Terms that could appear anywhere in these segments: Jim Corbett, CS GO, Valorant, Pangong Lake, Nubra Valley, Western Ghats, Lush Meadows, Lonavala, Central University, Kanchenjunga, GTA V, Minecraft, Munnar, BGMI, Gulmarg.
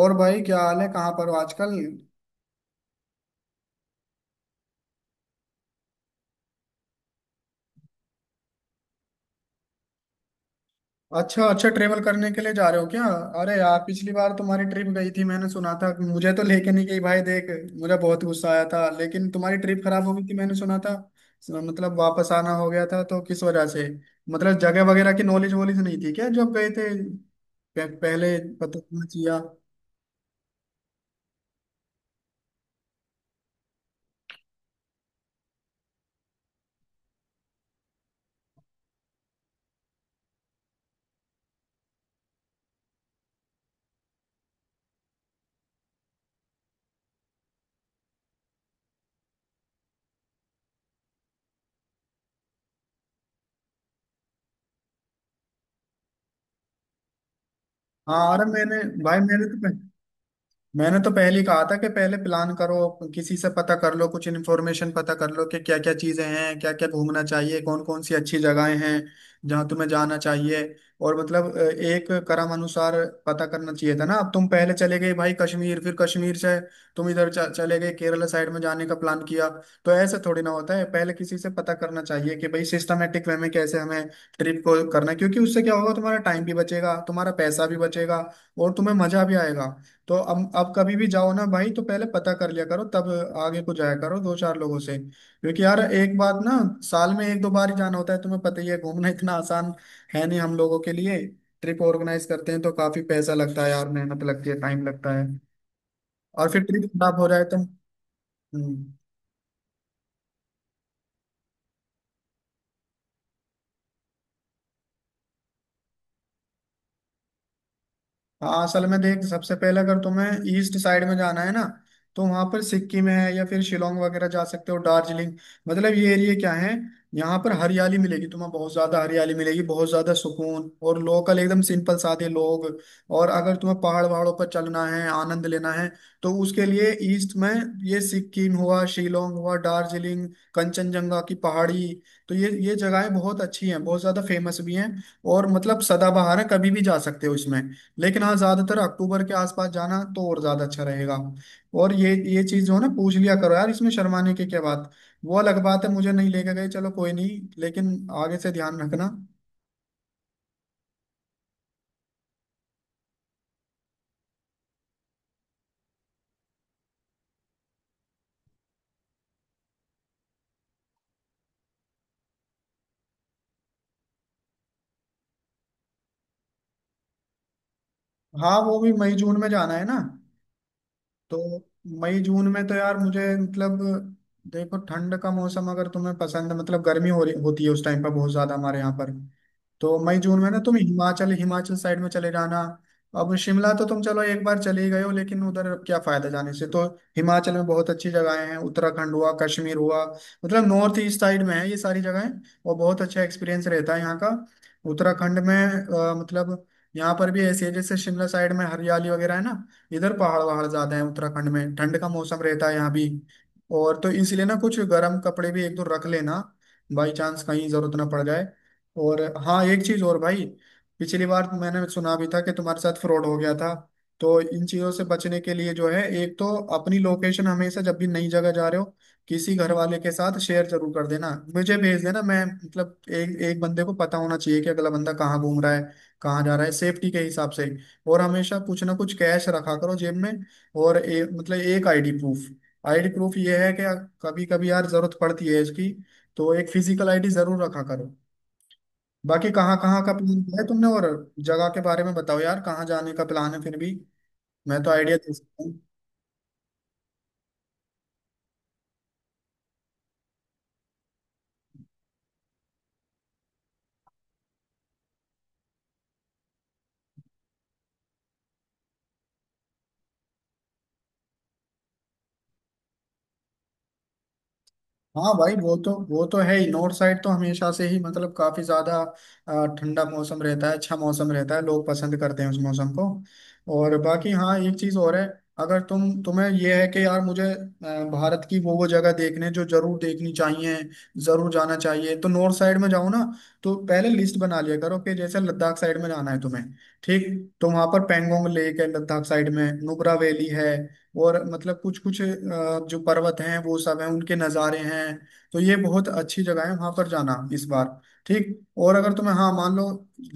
और भाई, क्या हाल है? कहाँ पर हो आजकल? अच्छा अच्छा, ट्रेवल करने के लिए जा रहे हो क्या? अरे यार, पिछली बार तुम्हारी ट्रिप गई थी, मैंने सुना था। मुझे तो लेके नहीं गई भाई, देख। मुझे बहुत गुस्सा आया था, लेकिन तुम्हारी ट्रिप खराब हो गई थी, मैंने सुना था। मतलब वापस आना हो गया था, तो किस वजह से? मतलब जगह वगैरह की नॉलेज वॉलेज नहीं थी क्या जब गए थे? पहले पता चलना चाहिए। हाँ, अरे मैंने तो पहले ही कहा था कि पहले प्लान करो। किसी से पता कर लो, कुछ इन्फॉर्मेशन पता कर लो कि क्या क्या चीजें हैं, क्या क्या घूमना चाहिए, कौन कौन सी अच्छी जगहें हैं जहाँ तुम्हें जाना चाहिए। और मतलब एक क्रम अनुसार पता करना चाहिए था ना। अब तुम पहले चले गए भाई कश्मीर, फिर कश्मीर से तुम इधर चले गए, केरला साइड में जाने का प्लान किया। तो ऐसे थोड़ी ना होता है, पहले किसी से पता करना चाहिए कि भाई सिस्टमेटिक वे में कैसे हमें ट्रिप को करना है, क्योंकि उससे क्या होगा, तुम्हारा टाइम भी बचेगा, तुम्हारा पैसा भी बचेगा, और तुम्हें मजा भी आएगा। तो अब कभी भी जाओ ना भाई तो पहले पता कर लिया करो, तब आगे को जाया करो दो चार लोगों से, क्योंकि यार एक बात ना, साल में एक दो बार ही जाना होता है, तुम्हें पता ही है, घूमना इतना आसान है नहीं हम लोगों के लिए। ट्रिप ऑर्गेनाइज करते हैं तो काफी पैसा लगता है यार, मेहनत लगती है, टाइम लगता है। और फिर ट्रिप खराब हो जाए तो? हम्म, हाँ, असल में देख, सबसे पहले अगर तुम्हें ईस्ट साइड में जाना है ना, तो वहां पर सिक्किम है, या फिर शिलोंग वगैरह जा सकते हो, दार्जिलिंग। मतलब ये एरिया क्या है, यहाँ पर हरियाली मिलेगी तुम्हें, बहुत ज्यादा हरियाली मिलेगी, बहुत ज्यादा सुकून, और लोकल एकदम सिंपल सादे लोग। और अगर तुम्हें पहाड़ वहाड़ों पर चलना है, आनंद लेना है, तो उसके लिए ईस्ट में ये सिक्किम हुआ, शिलोंग हुआ, दार्जिलिंग, कंचनजंगा की पहाड़ी। तो ये जगहें बहुत अच्छी हैं, बहुत ज्यादा फेमस भी हैं, और मतलब सदाबहार है, कभी भी जा सकते हो इसमें। लेकिन हाँ, ज्यादातर अक्टूबर के आसपास जाना तो और ज्यादा अच्छा रहेगा। और ये चीज जो है ना, पूछ लिया करो यार, इसमें शर्माने की क्या बात। वो अलग बात है, मुझे नहीं लेके गए, चलो कोई नहीं, लेकिन आगे से ध्यान रखना। हाँ, वो भी मई जून में जाना है ना? तो मई जून में तो यार मुझे मतलब, देखो, ठंड का मौसम अगर तुम्हें पसंद है, मतलब गर्मी हो रही होती है उस टाइम पर बहुत ज्यादा हमारे यहाँ पर। तो मई जून में ना तुम हिमाचल हिमाचल साइड में चले जाना। अब शिमला तो तुम चलो एक बार चले ही गए हो, लेकिन उधर अब क्या फायदा जाने से तो? हिमाचल में बहुत अच्छी जगहें हैं, उत्तराखंड हुआ, कश्मीर हुआ, मतलब नॉर्थ ईस्ट साइड में है ये सारी जगहें। और बहुत अच्छा एक्सपीरियंस रहता है यहाँ का। उत्तराखंड में, मतलब, यहाँ पर भी ऐसी है जैसे शिमला साइड में हरियाली वगैरह है ना। इधर पहाड़ वहाड़ ज्यादा है, उत्तराखंड में ठंड का मौसम रहता है यहाँ भी। और तो इसलिए ना, कुछ गर्म कपड़े भी एक दो रख लेना, बाई चांस कहीं जरूरत ना पड़ जाए। और हाँ, एक चीज और भाई, पिछली बार तो मैंने सुना भी था कि तुम्हारे साथ फ्रॉड हो गया था। तो इन चीजों से बचने के लिए जो है, एक तो अपनी लोकेशन हमेशा जब भी नई जगह जा रहे हो, किसी घर वाले के साथ शेयर जरूर कर देना। मुझे भेज देना, मैं मतलब एक एक बंदे को पता होना चाहिए कि अगला बंदा कहाँ घूम रहा है, कहाँ जा रहा है, सेफ्टी के हिसाब से। और हमेशा कुछ ना कुछ कैश रखा करो जेब में। और मतलब एक आईडी प्रूफ, आईडी प्रूफ ये है कि कभी कभी यार जरूरत पड़ती है इसकी। तो एक फिजिकल आईडी जरूर रखा करो। बाकी कहाँ कहाँ का प्लान किया है तुमने, और जगह के बारे में बताओ यार, कहाँ जाने का प्लान है, फिर भी मैं तो आइडिया दे सकता। हाँ भाई, वो तो है ही, नॉर्थ साइड तो हमेशा से ही मतलब काफी ज्यादा ठंडा मौसम रहता है, अच्छा मौसम रहता है, लोग पसंद करते हैं उस मौसम को। और बाकी हाँ, एक चीज और है, अगर तुम्हें यह है कि यार मुझे भारत की वो जगह देखने जो जरूर देखनी चाहिए, जरूर जाना चाहिए, तो नॉर्थ साइड में जाओ ना। तो पहले लिस्ट बना लिया करो कि जैसे लद्दाख साइड में जाना है तुम्हें, ठीक? तो वहां पर पेंगोंग लेक है, लद्दाख साइड में नुब्रा वैली है, और मतलब कुछ कुछ जो पर्वत हैं वो सब हैं, उनके नज़ारे हैं। तो ये बहुत अच्छी जगह है, वहां पर जाना इस बार, ठीक? और अगर तुम्हें, हाँ, मान लो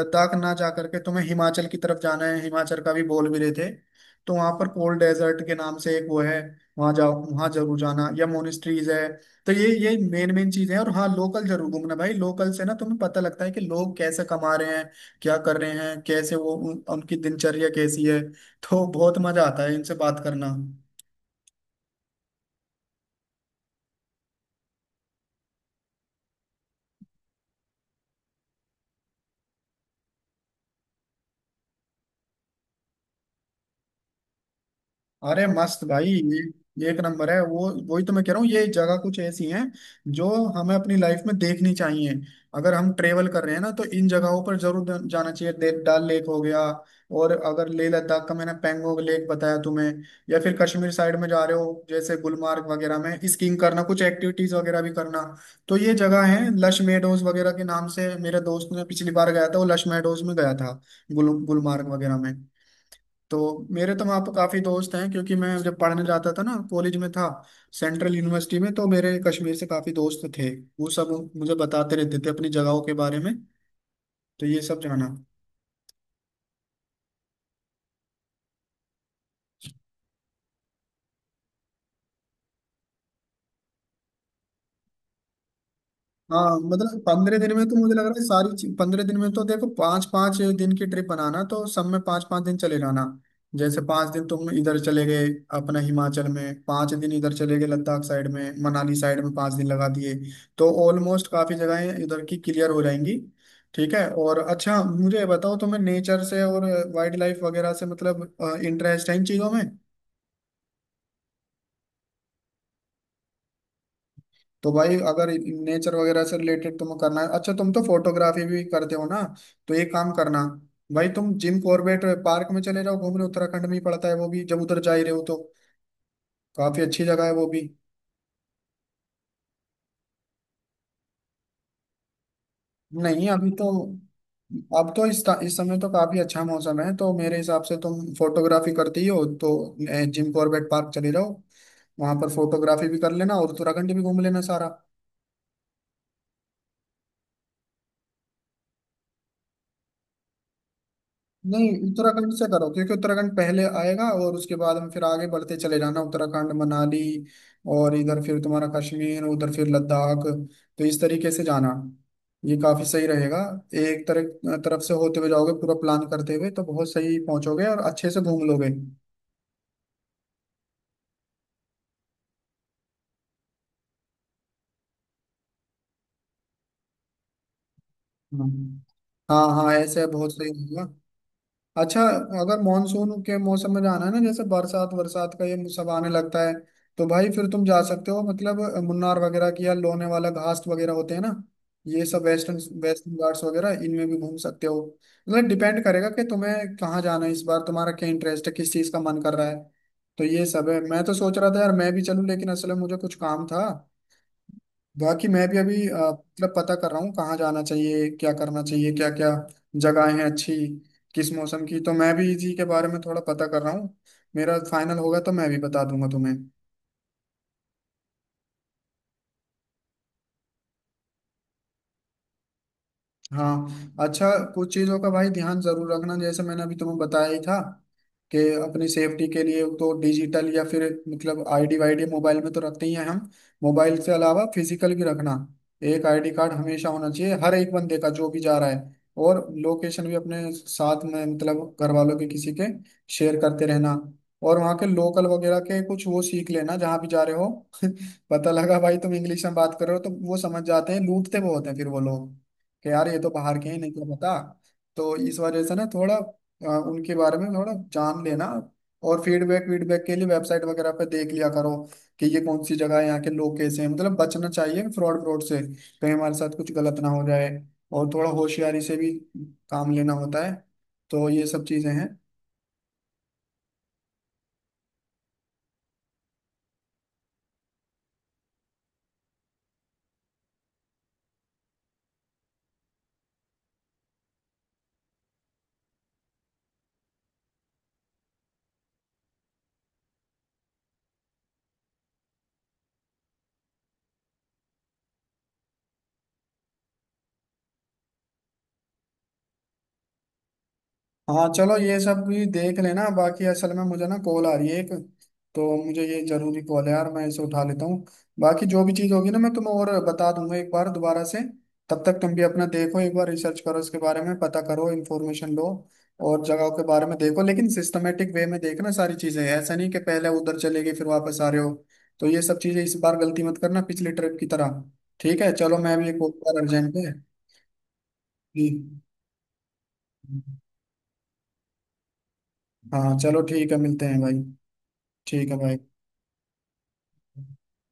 लद्दाख ना जा करके तुम्हें हिमाचल की तरफ जाना है, हिमाचल का भी बोल भी रहे थे, तो वहां पर कोल्ड डेजर्ट के नाम से एक वो है, वहां जाओ, वहां जरूर जाना, या मोनेस्ट्रीज है। तो ये मेन मेन चीजें हैं, और हाँ, लोकल जरूर घूमना भाई, लोकल से ना तुम्हें पता लगता है कि लोग कैसे कमा रहे हैं, क्या कर रहे हैं, कैसे वो उनकी दिनचर्या कैसी है। तो बहुत मजा आता है इनसे बात करना। अरे मस्त भाई, ये एक नंबर है, वो वही तो मैं कह रहा हूँ, ये जगह कुछ ऐसी हैं जो हमें अपनी लाइफ में देखनी चाहिए। अगर हम ट्रेवल कर रहे हैं ना, तो इन जगहों पर जरूर जाना चाहिए, डल लेक हो गया। और अगर लेह लद्दाख का मैंने पैंगोंग लेक बताया तुम्हें, या फिर कश्मीर साइड में जा रहे हो जैसे गुलमार्ग वगैरह में, स्कीइंग करना, कुछ एक्टिविटीज वगैरह भी करना, तो ये जगह है लश मेडोज वगैरह के नाम से, मेरे दोस्त ने पिछली बार गया था, वो लश मेडोज में गया था, गुलमार्ग वगैरह में। तो मेरे तो वहाँ पर काफ़ी दोस्त हैं, क्योंकि मैं जब पढ़ने जाता था ना, कॉलेज में था सेंट्रल यूनिवर्सिटी में, तो मेरे कश्मीर से काफ़ी दोस्त थे। वो सब मुझे बताते रहते थे अपनी जगहों के बारे में, तो ये सब जाना। हाँ, मतलब 15 दिन में तो मुझे लग रहा है 15 दिन में तो देखो पाँच पाँच दिन की ट्रिप बनाना, तो सब में पाँच पाँच दिन चले जाना। जैसे 5 दिन तुम इधर चले गए अपना हिमाचल में, 5 दिन इधर चले गए लद्दाख साइड में, मनाली साइड में 5 दिन लगा दिए। तो ऑलमोस्ट काफी जगहें इधर की क्लियर हो जाएंगी। ठीक है, और अच्छा, मुझे ये बताओ तुम्हें नेचर से और वाइल्ड लाइफ वगैरह से मतलब इंटरेस्ट है इन चीजों में? तो भाई अगर नेचर वगैरह से रिलेटेड तुम करना है, अच्छा, तुम तो फोटोग्राफी भी करते हो ना। तो एक काम करना भाई, तुम जिम कॉर्बेट पार्क में चले जाओ घूमने, उत्तराखंड में ही पड़ता है वो भी, जब उधर जा ही रहे हो तो काफी अच्छी जगह है वो भी। नहीं, अभी तो, अब तो इस समय तो काफी अच्छा मौसम है, तो मेरे हिसाब से तुम फोटोग्राफी करती ही हो तो जिम कॉर्बेट पार्क चले जाओ। वहां पर फोटोग्राफी भी कर लेना और उत्तराखंड भी घूम लेना सारा। नहीं, उत्तराखंड से करो, क्योंकि उत्तराखंड पहले आएगा, और उसके बाद हम फिर आगे बढ़ते चले जाना, उत्तराखंड, मनाली, और इधर फिर तुम्हारा कश्मीर, उधर फिर लद्दाख। तो इस तरीके से जाना, ये काफी सही रहेगा, एक तरह तरफ से होते हुए जाओगे पूरा प्लान करते हुए, तो बहुत सही पहुंचोगे और अच्छे से घूम लोगे। हम्म। हाँ हाँ, ऐसे बहुत सही रहेगा, अच्छा। अगर मॉनसून के मौसम में जाना है ना, जैसे बरसात बरसात का ये सब आने लगता है, तो भाई फिर तुम जा सकते हो, मतलब मुन्नार वगैरह की, या लोने वाला घाट वगैरह होते हैं ना, ये सब वेस्टर्न वेस्टर्न घाट्स वगैरह, इनमें भी घूम सकते हो। मतलब डिपेंड करेगा कि तुम्हें कहाँ जाना है इस बार, तुम्हारा क्या इंटरेस्ट है, किस चीज़ का मन कर रहा है। तो ये सब है, मैं तो सोच रहा था यार मैं भी चलूँ, लेकिन असल में मुझे कुछ काम था। बाकी मैं भी अभी मतलब पता कर रहा हूँ कहाँ जाना चाहिए, क्या करना चाहिए, क्या क्या जगहें हैं अच्छी, किस मौसम की, तो मैं भी इसी के बारे में थोड़ा पता कर रहा हूँ। मेरा फाइनल होगा तो मैं भी बता दूंगा तुम्हें। हाँ, अच्छा, कुछ चीज़ों का भाई ध्यान जरूर रखना, जैसे मैंने अभी तुम्हें बताया ही था कि अपनी सेफ्टी के लिए तो डिजिटल या फिर मतलब आईडी वाईडी मोबाइल में तो रखते ही हैं हम। मोबाइल से अलावा फिजिकल भी रखना, एक आईडी कार्ड हमेशा होना चाहिए हर एक बंदे का जो भी जा रहा है। और लोकेशन भी अपने साथ में, मतलब घर वालों के किसी के शेयर करते रहना। और वहाँ के लोकल वगैरह के कुछ वो सीख लेना जहाँ भी जा रहे हो। पता लगा भाई, तुम इंग्लिश में बात कर रहे हो तो वो समझ जाते हैं, लूटते बहुत हैं फिर वो लोग, कि यार ये तो बाहर के हैं, नहीं क्या पता। तो इस वजह से ना थोड़ा उनके बारे में थोड़ा जान लेना। और फीडबैक वीडबैक के लिए वेबसाइट वगैरह पे देख लिया करो कि ये कौन सी जगह है, यहाँ के लोग कैसे हैं, मतलब बचना चाहिए फ्रॉड फ्रॉड से, कहीं हमारे साथ कुछ गलत ना हो जाए, और थोड़ा होशियारी से भी काम लेना होता है, तो ये सब चीजें हैं। हाँ चलो, ये सब भी देख लेना, बाकी असल में मुझे ना कॉल आ रही है एक, तो मुझे ये जरूरी कॉल है यार, मैं इसे उठा लेता हूँ। बाकी जो भी चीज़ होगी ना मैं तुम्हें और बता दूंगा एक बार दोबारा से। तब तक तुम भी अपना देखो, एक बार रिसर्च करो इसके बारे में, पता करो इन्फॉर्मेशन लो, और जगहों के बारे में देखो, लेकिन सिस्टमेटिक वे में देखना सारी चीज़ें, ऐसा नहीं कि पहले उधर चले गए फिर वापस आ रहे हो। तो ये सब चीज़ें इस बार गलती मत करना पिछली ट्रिप की तरह। ठीक है, चलो, मैं भी एक और बार, अर्जेंट है। जी, हाँ, चलो ठीक है, मिलते हैं भाई। ठीक है भाई।